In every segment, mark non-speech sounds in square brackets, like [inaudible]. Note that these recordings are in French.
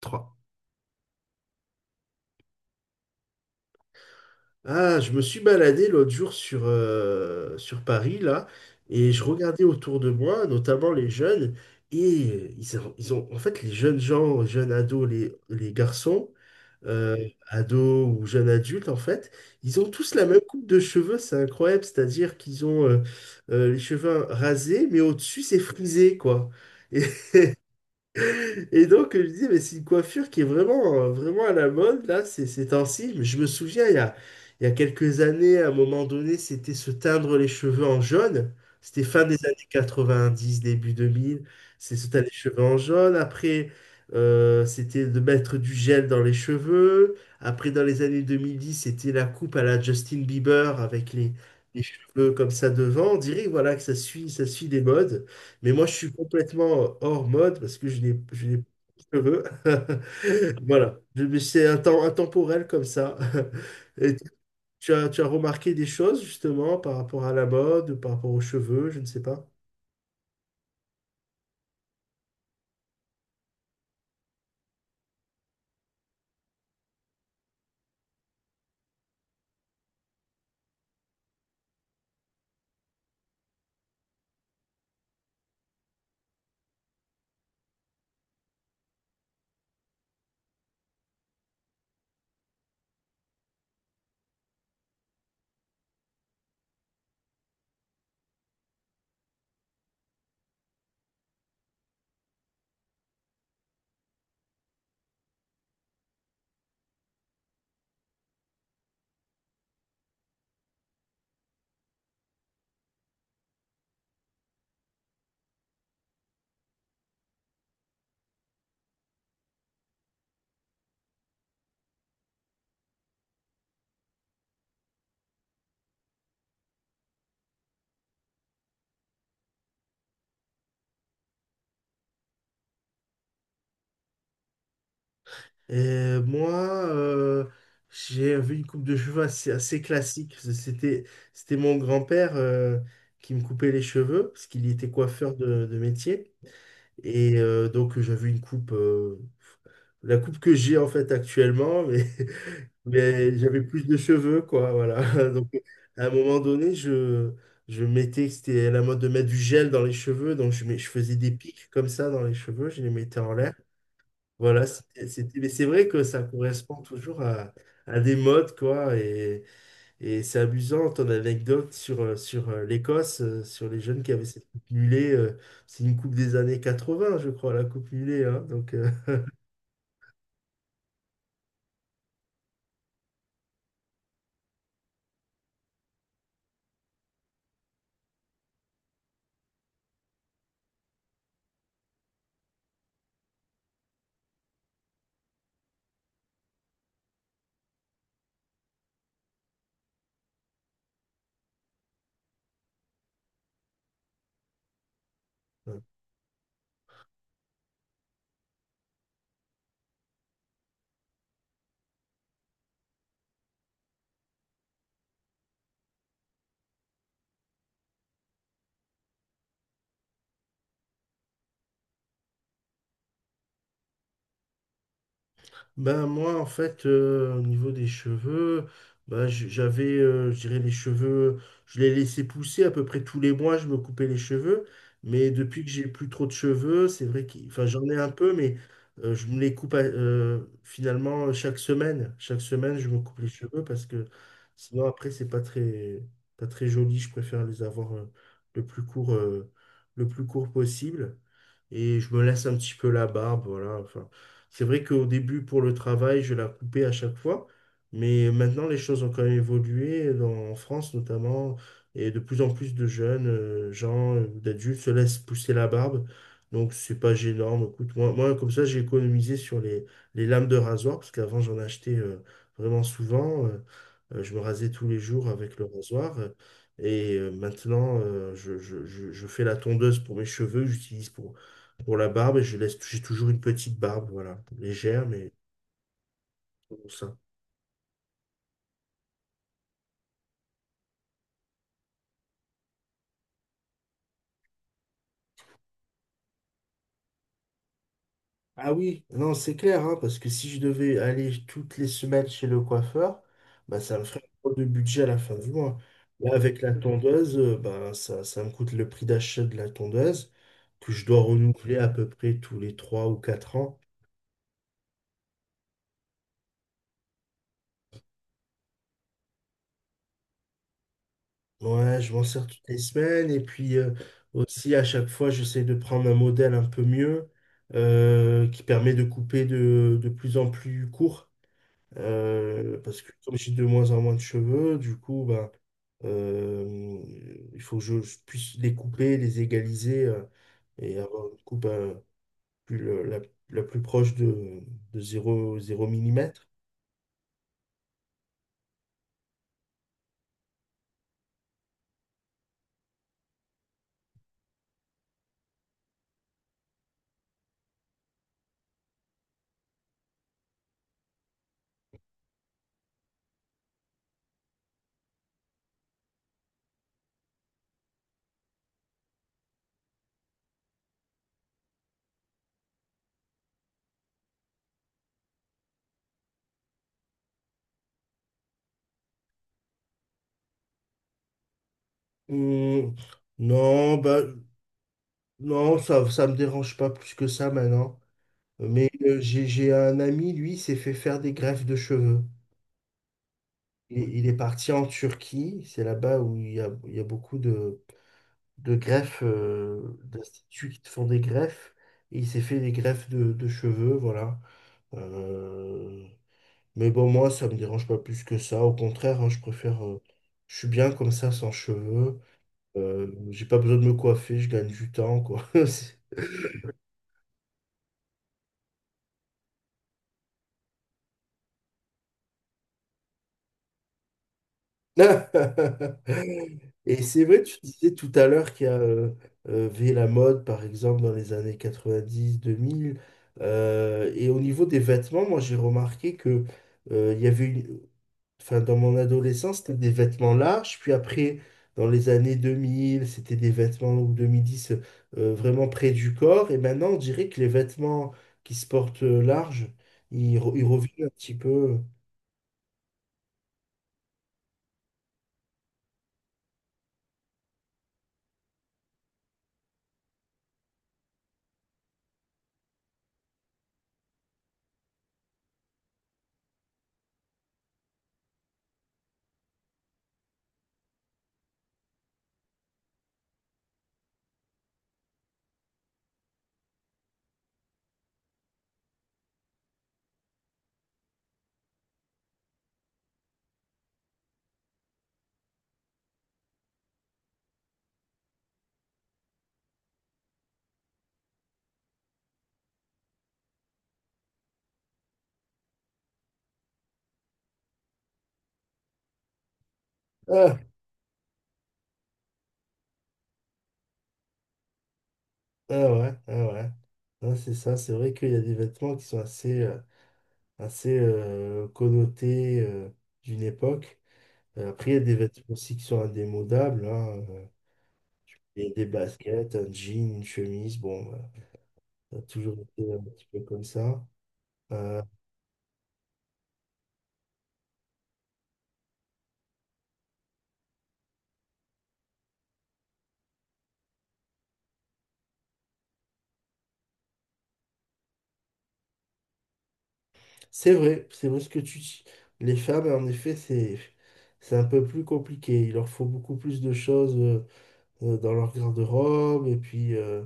Trois. Ah, je me suis baladé l'autre jour sur, sur Paris, là, et je regardais autour de moi, notamment les jeunes, et en fait, les jeunes gens, jeunes ados, les garçons, Oui. Ados ou jeunes adultes, en fait, ils ont tous la même coupe de cheveux, c'est incroyable, c'est-à-dire qu'ils ont les cheveux rasés, mais au-dessus, c'est frisé, quoi. Et Et donc, je me disais, mais c'est une coiffure qui est vraiment, vraiment à la mode, là, ces temps-ci. Mais je me souviens, il y a quelques années, à un moment donné, c'était se teindre les cheveux en jaune. C'était fin des années 90, début 2000. C'est se teindre les cheveux en jaune. Après, c'était de mettre du gel dans les cheveux. Après, dans les années 2010, c'était la coupe à la Justin Bieber avec les cheveux comme ça devant. On dirait, voilà, que ça suit des modes. Mais moi, je suis complètement hors mode parce que je n'ai pas de cheveux. [laughs] Voilà. Mais c'est un temps intemporel comme ça. [laughs] Et tu as remarqué des choses justement par rapport à la mode, par rapport aux cheveux, je ne sais pas. Et moi, j'ai vu une coupe de cheveux assez classique. C'était mon grand-père qui me coupait les cheveux parce qu'il était coiffeur de métier. Et donc j'avais une coupe, la coupe que j'ai en fait actuellement, mais, [laughs] mais j'avais plus de cheveux, quoi, voilà. [laughs] Donc à un moment donné, je mettais, c'était à la mode de mettre du gel dans les cheveux, donc je faisais des pics comme ça dans les cheveux, je les mettais en l'air. Voilà, mais c'est vrai que ça correspond toujours à des modes, quoi. Et c'est amusant ton anecdote sur, l'Écosse, sur les jeunes qui avaient cette coupe mulet. C'est une coupe des années 80, je crois, la coupe mulet, hein. [laughs] Ben moi, en fait, au niveau des cheveux, ben, j'avais, je dirais, les cheveux, je les laissais pousser. À peu près tous les mois, je me coupais les cheveux. Mais depuis que j'ai plus trop de cheveux, c'est vrai que, enfin, j'en ai un peu, mais je me les coupe finalement chaque semaine. Chaque semaine, je me coupe les cheveux parce que sinon, après, c'est pas très, pas très joli. Je préfère les avoir le plus court, euh, le plus court possible. Et je me laisse un petit peu la barbe, voilà. Enfin, c'est vrai qu'au début, pour le travail, je la coupais à chaque fois, mais maintenant, les choses ont quand même évolué, en France notamment, et de plus en plus de jeunes gens, d'adultes, se laissent pousser la barbe. Donc, c'est pas gênant. Mais écoute, moi, comme ça, j'ai économisé sur les lames de rasoir, parce qu'avant, j'en achetais vraiment souvent. Je me rasais tous les jours avec le rasoir. Et maintenant, je fais la tondeuse pour mes cheveux que j'utilise pour la barbe, je laisse, j'ai toujours une petite barbe, voilà, légère, mais bon, ça. Ah oui, non, c'est clair, hein, parce que si je devais aller toutes les semaines chez le coiffeur, bah, ça me ferait trop de budget à la fin du mois. Là, avec la tondeuse, bah, ça me coûte le prix d'achat de la tondeuse, que je dois renouveler à peu près tous les 3 ou quatre ans. Ouais, je m'en sers toutes les semaines, et puis aussi à chaque fois, j'essaie de prendre un modèle un peu mieux, qui permet de couper de plus en plus court. Parce que comme j'ai de moins en moins de cheveux, du coup, ben, euh, il faut que je puisse les couper, les égaliser et avoir une coupe plus, le- la, la plus proche de zéro 0 mm. Hmm, non, bah, non, ça me dérange pas plus que ça maintenant. Mais j'ai un ami, lui, s'est fait faire des greffes de cheveux. Il est parti en Turquie, c'est là-bas où il y a beaucoup de greffes, d'instituts qui te font des greffes. Et il s'est fait des greffes de cheveux, voilà. Euh, mais bon, moi, ça me dérange pas plus que ça. Au contraire, hein, je préfère. Je suis bien comme ça, sans cheveux. J'ai pas besoin de me coiffer, je gagne du temps, quoi. [laughs] [laughs] Et c'est vrai, tu disais tout à l'heure qu'il y a V la mode, par exemple, dans les années 90, 2000. Et au niveau des vêtements, moi, j'ai remarqué que il y avait une, enfin, dans mon adolescence, c'était des vêtements larges. Puis après, dans les années 2000, c'était des vêtements, ou 2010, vraiment près du corps. Et maintenant, on dirait que les vêtements qui se portent larges, ils reviennent un petit peu. Ah, ah ah ouais. Ouais, c'est ça, c'est vrai qu'il y a des vêtements qui sont assez connotés d'une époque. Après, il y a des vêtements aussi qui sont indémodables, hein. Il y a des baskets, un jean, une chemise. Bon, bah. Ça a toujours été un petit peu comme ça. Euh, c'est vrai ce que tu dis. Les femmes, en effet, c'est un peu plus compliqué. Il leur faut beaucoup plus de choses dans leur garde-robe et puis euh,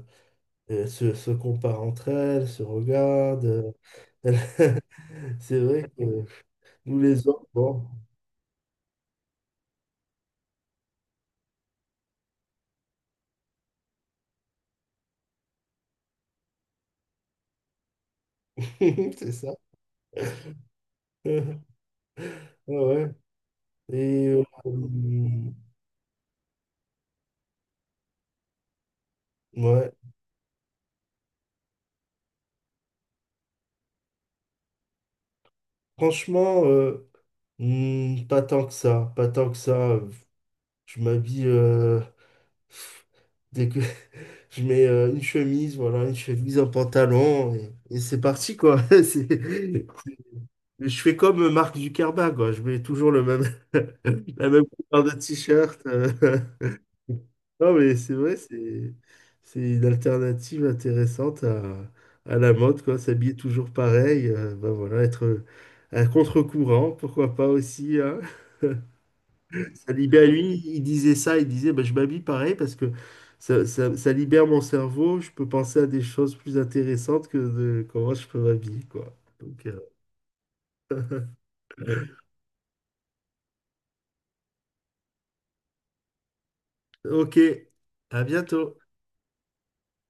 euh, se, se comparent entre elles, se regardent. Elles- [laughs] C'est vrai que nous les hommes, bon, [laughs] c'est ça. [laughs] Ouais. Et euh, hum, ouais, franchement, pas tant que ça, pas tant que ça. Je m'habille. Dès que [laughs] je mets une chemise, voilà, une chemise, un pantalon, et c'est parti, quoi. [laughs] Je fais comme Marc Ducarba, quoi. Je mets toujours le même, [laughs] la même couleur de t-shirt. Euh. [laughs] Non, mais c'est vrai, c'est une alternative intéressante à la mode, quoi. S'habiller toujours pareil, ben voilà, être à contre-courant, pourquoi pas aussi, hein. Ça libère, lui, il disait ça, il disait, bah, je m'habille pareil parce que ça libère mon cerveau, je peux penser à des choses plus intéressantes que de comment je peux m'habiller, quoi. Donc, ok, à bientôt.